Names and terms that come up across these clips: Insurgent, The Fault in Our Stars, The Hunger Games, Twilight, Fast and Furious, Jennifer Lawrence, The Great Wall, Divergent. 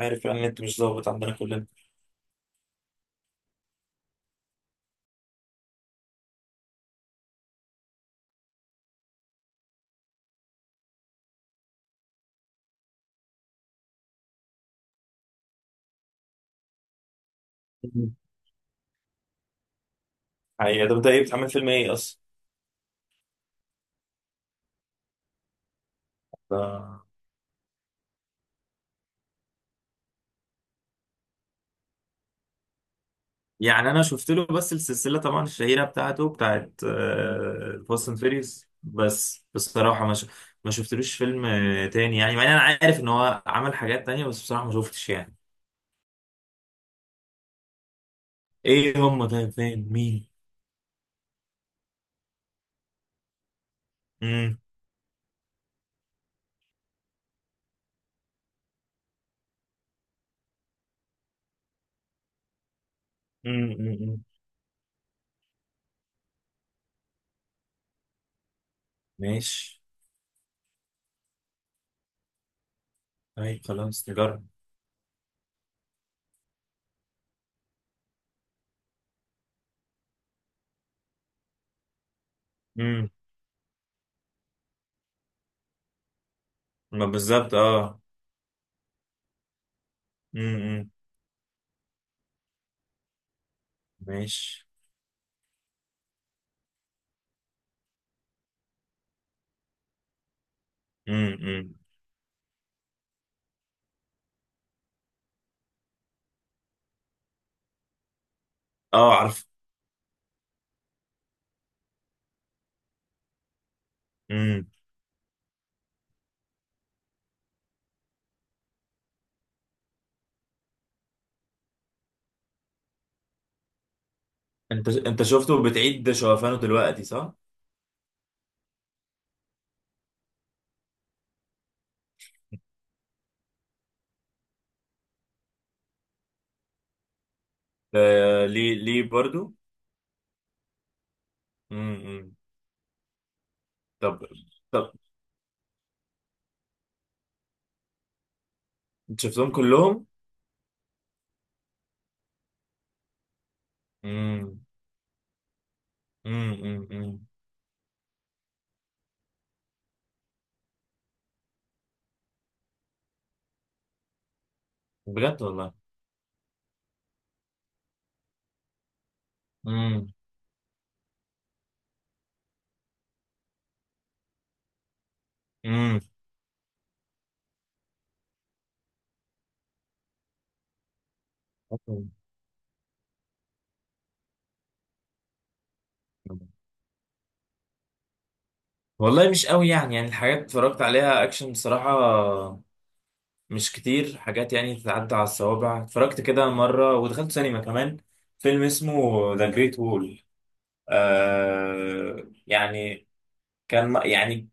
عارف يعني انت مش ظابط عندنا كلنا. هي ده بدأ ايه؟ بتعمل فيلم ايه اصلا؟ ده- يعني انا شفت له، بس السلسله طبعا الشهيره بتاعته بتاعت فاست اند فيريوس. بس بصراحه ما شفتلوش فيلم تاني، يعني مع ان انا عارف ان هو عمل حاجات تانية، بس بصراحه ما شفتش يعني. ايه هم؟ طيب، فين؟ مين؟ امم، امم، امم. ماشي. طيب خلاص نجرب. امم. ما بالظبط، اه. امم. ماشي. امم. اه عارف. امم. انت شفته بتعيد شوفانه دلوقتي، صح؟ آه، ليه؟ ليه برضو؟ امم. طب طب انت شفتهم كلهم؟ امم، امم. بجد والله. امم، امم. والله مش قوي يعني الحاجات اتفرجت عليها اكشن بصراحة. مش كتير حاجات يعني تتعدى على الصوابع. اتفرجت كده مرة، ودخلت سينما كمان فيلم اسمه ذا جريت وول، آه يعني كان يعني،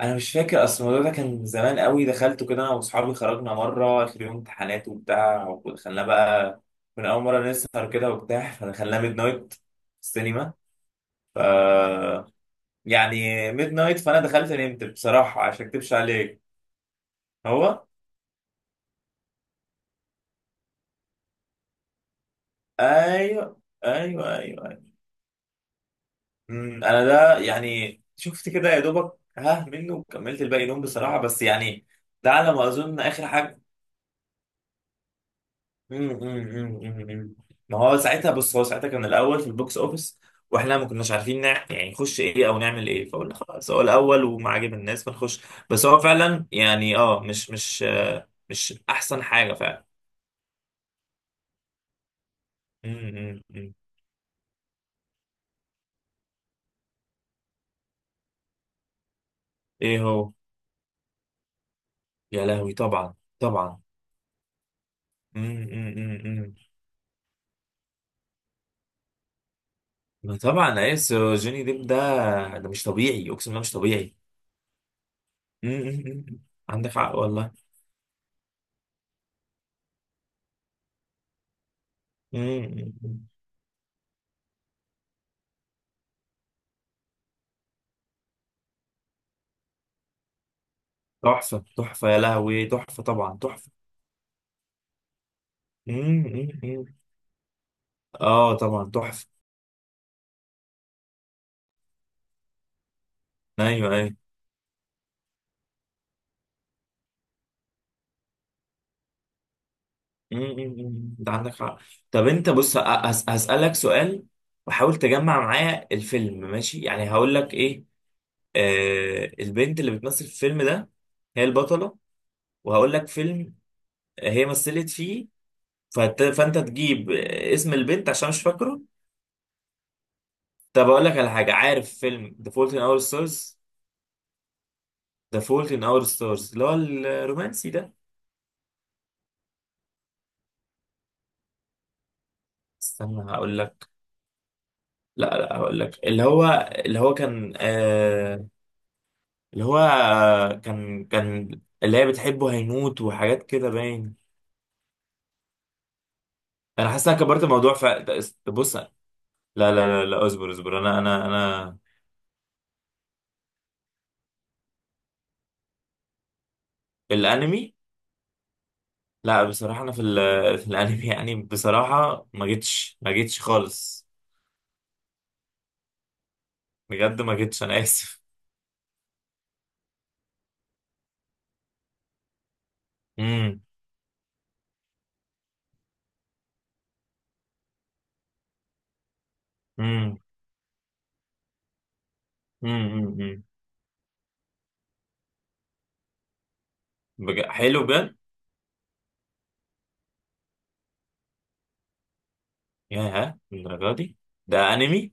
انا مش فاكر، اصل الموضوع ده كان من زمان قوي. دخلته كده انا واصحابي، خرجنا مره اخر يوم امتحانات وبتاع، ودخلنا بقى من اول مره نسهر كده وبتاع، فدخلنا ميد نايت السينما. ف يعني ميد نايت، فانا دخلت نمت بصراحه عشان اكدبش عليك. هو. ايوه، ايوه، ايوه، ايوه. انا ده يعني شفت كده يا دوبك ها منه، وكملت الباقي نوم بصراحه، بس يعني ده على ما اظن اخر حاجه. مم، مم، مم، مم. ما هو ساعتها بص، هو ساعتها كان الاول في البوكس اوفيس، واحنا ما كناش عارفين يعني نخش ايه او نعمل ايه، فقلنا خلاص هو الاول وما عجب الناس فنخش. بس هو فعلا يعني اه، مش مش مش احسن حاجه فعلا. مم، مم، مم. ايه هو؟ يا لهوي طبعا، طبعا. مم، مم، مم، مم. ما طبعا ايس جوني ديب ده، ده مش طبيعي، اقسم بالله مش طبيعي. مم، مم، مم. عندك حق والله. مم، مم، مم. تحفه تحفه، يا لهوي تحفه، طبعا تحفه. مم، مم، مم. اه طبعا تحفه. ايوه، ايوه. مم، مم، مم. انت عندك حق. طب انت بص، هسألك سؤال، وحاول تجمع معايا الفيلم، ماشي؟ يعني هقول لك ايه. البنت اللي بتمثل في الفيلم ده، هي البطله. وهقول لك فيلم هي مثلت فيه، فانت تجيب اسم البنت عشان مش فاكره. طب اقول لك على حاجه، عارف فيلم The Fault in Our Stars؟ The Fault in Our Stars اللي هو الرومانسي ده. استنى هقول لك. لا، لا، هقول لك اللي هو، اللي هو كان. اللي هو كان اللي هي بتحبه هيموت، وحاجات كده باين. انا حاسس إن انا كبرت الموضوع، بص لا. لا، لا، لا، اصبر اصبر، انا. الانمي. لا بصراحة انا في الانمي يعني بصراحة ما جيتش خالص. بجد ما جيتش، انا اسف. امم، امم، امم، امم، حلو بجد. ياه، للدرجة دي؟ ده انمي؟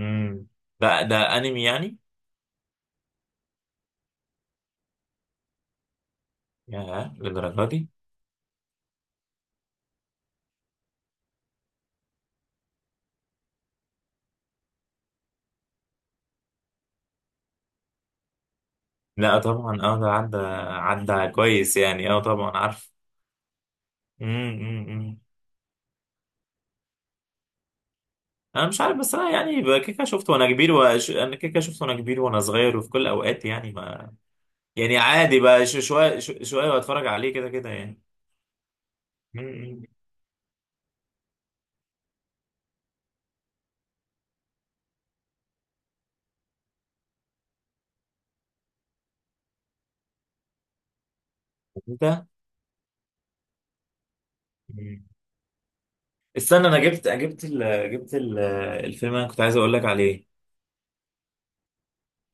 امم. ده انمي يعني؟ ياه للدرجة دي؟ لا طبعا اه، ده عدى. عدى كويس يعني، اه طبعا عارف. امم. انا مش عارف، بس انا يعني بقى كيكه شفته وانا كبير انا كيكه شفته وانا كبير وانا صغير وفي كل الاوقات، يعني ما، يعني عادي بقى، شويه شويه، واتفرج عليه كده كده يعني. امم. انت. مم. استنى، انا جبت جبت الفيلم اللي انا كنت عايز اقول لك عليه.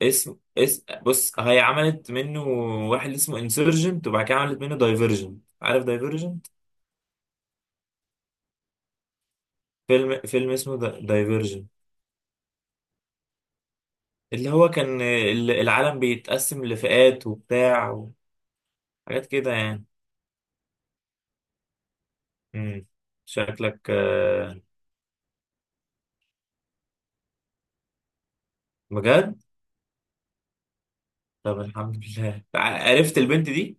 اسم اس بص، هي عملت منه واحد اسمه انسرجنت، وبعد كده عملت منه دايفرجنت. عارف دايفرجنت؟ فيلم اسمه دايفرجن، اللي هو كان العالم بيتقسم لفئات وبتاع، وحاجات كده يعني. امم. شكلك. بجد؟ طب الحمد لله، عرفت البنت دي.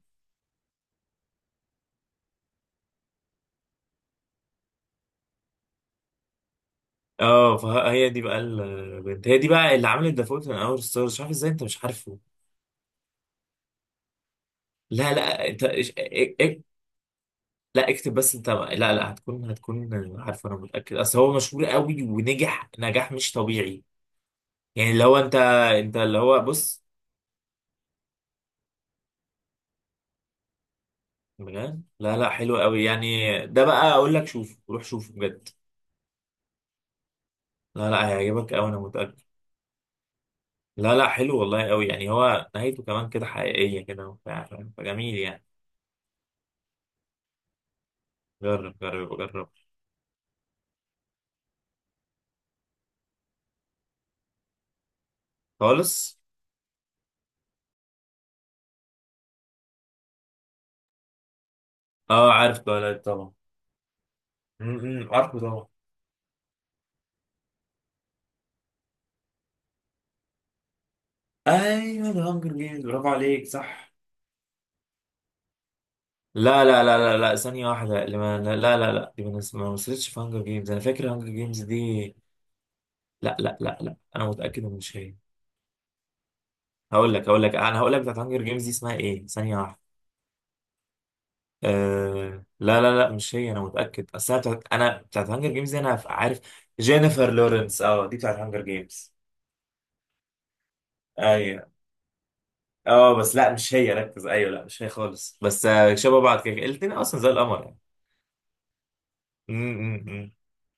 اه، فهي دي بقى البنت، هي دي بقى اللي عملت دافوت من اول ستارز. مش عارف ازاي انت مش عارفه. لا، لا، انت لا اكتب بس، انت، لا، لا، هتكون عارفه. انا متاكد اصل هو مشهور قوي ونجح نجاح مش طبيعي، يعني اللي هو، انت اللي هو بص. بجد لا، لا، حلو قوي يعني. ده بقى اقول لك، شوف روح شوفه بجد. لا، لا، هيعجبك قوي انا متأكد. لا، لا، حلو والله قوي يعني، هو نهايته كمان كده حقيقية كده وبتاع، فاهم؟ فجميل يعني. جرب، جرب، جرب. خالص. اه، عارف تويلايت طبعا. م- م، عارفه طبعا. ايوه، ده هانجر جيمز، برافو عليك، صح. لا، لا، لا، لا، لا، ثانية واحدة، اللي ما، لا، لا، لا، لا، دي ما مثلتش في هانجر جيمز. انا فاكر هانجر جيمز دي. لا، لا، لا، لا، انا متأكد ان مش هي. هقول لك انا هقول لك بتاعت هانجر جيمز دي اسمها ايه، ثانية واحدة. آه لا، لا، لا، مش هي انا متاكد. اصل انا بتاعت هانجر جيمز دي انا عارف. جينيفر لورنس، اه دي بتاعت هانجر جيمز. ايوه. اه بس لا، مش هي، ركز. ايوه لا، مش هي خالص. بس آه شبه بعض كده، الاثنين اصلا زي القمر يعني. م، م، م.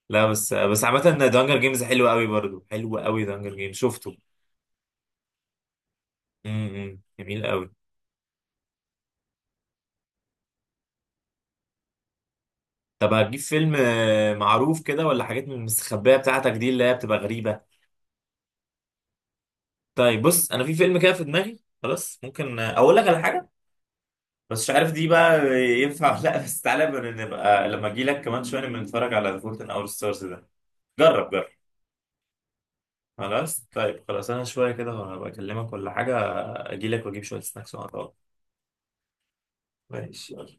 لا بس آه، بس عامه، دانجر جيمز حلو قوي برضو، حلو قوي دانجر جيمز شفته. م، م. جميل قوي. طب هتجيب فيلم معروف كده ولا حاجات من المستخبيه بتاعتك دي، اللي هي بتبقى غريبه؟ طيب بص، انا في فيلم كده في دماغي خلاص، ممكن اقول لك على حاجه، بس مش عارف دي بقى ينفع ولا لا. بس تعالى بقى، نبقى لما اجي لك كمان شويه نبقى نتفرج على فولت ان اور ستارز ده. جرب، جرب. خلاص طيب خلاص، انا شويه كده هبقى اكلمك ولا حاجه، اجي لك واجيب شويه سناكس ونقعد. ماشي، يلا.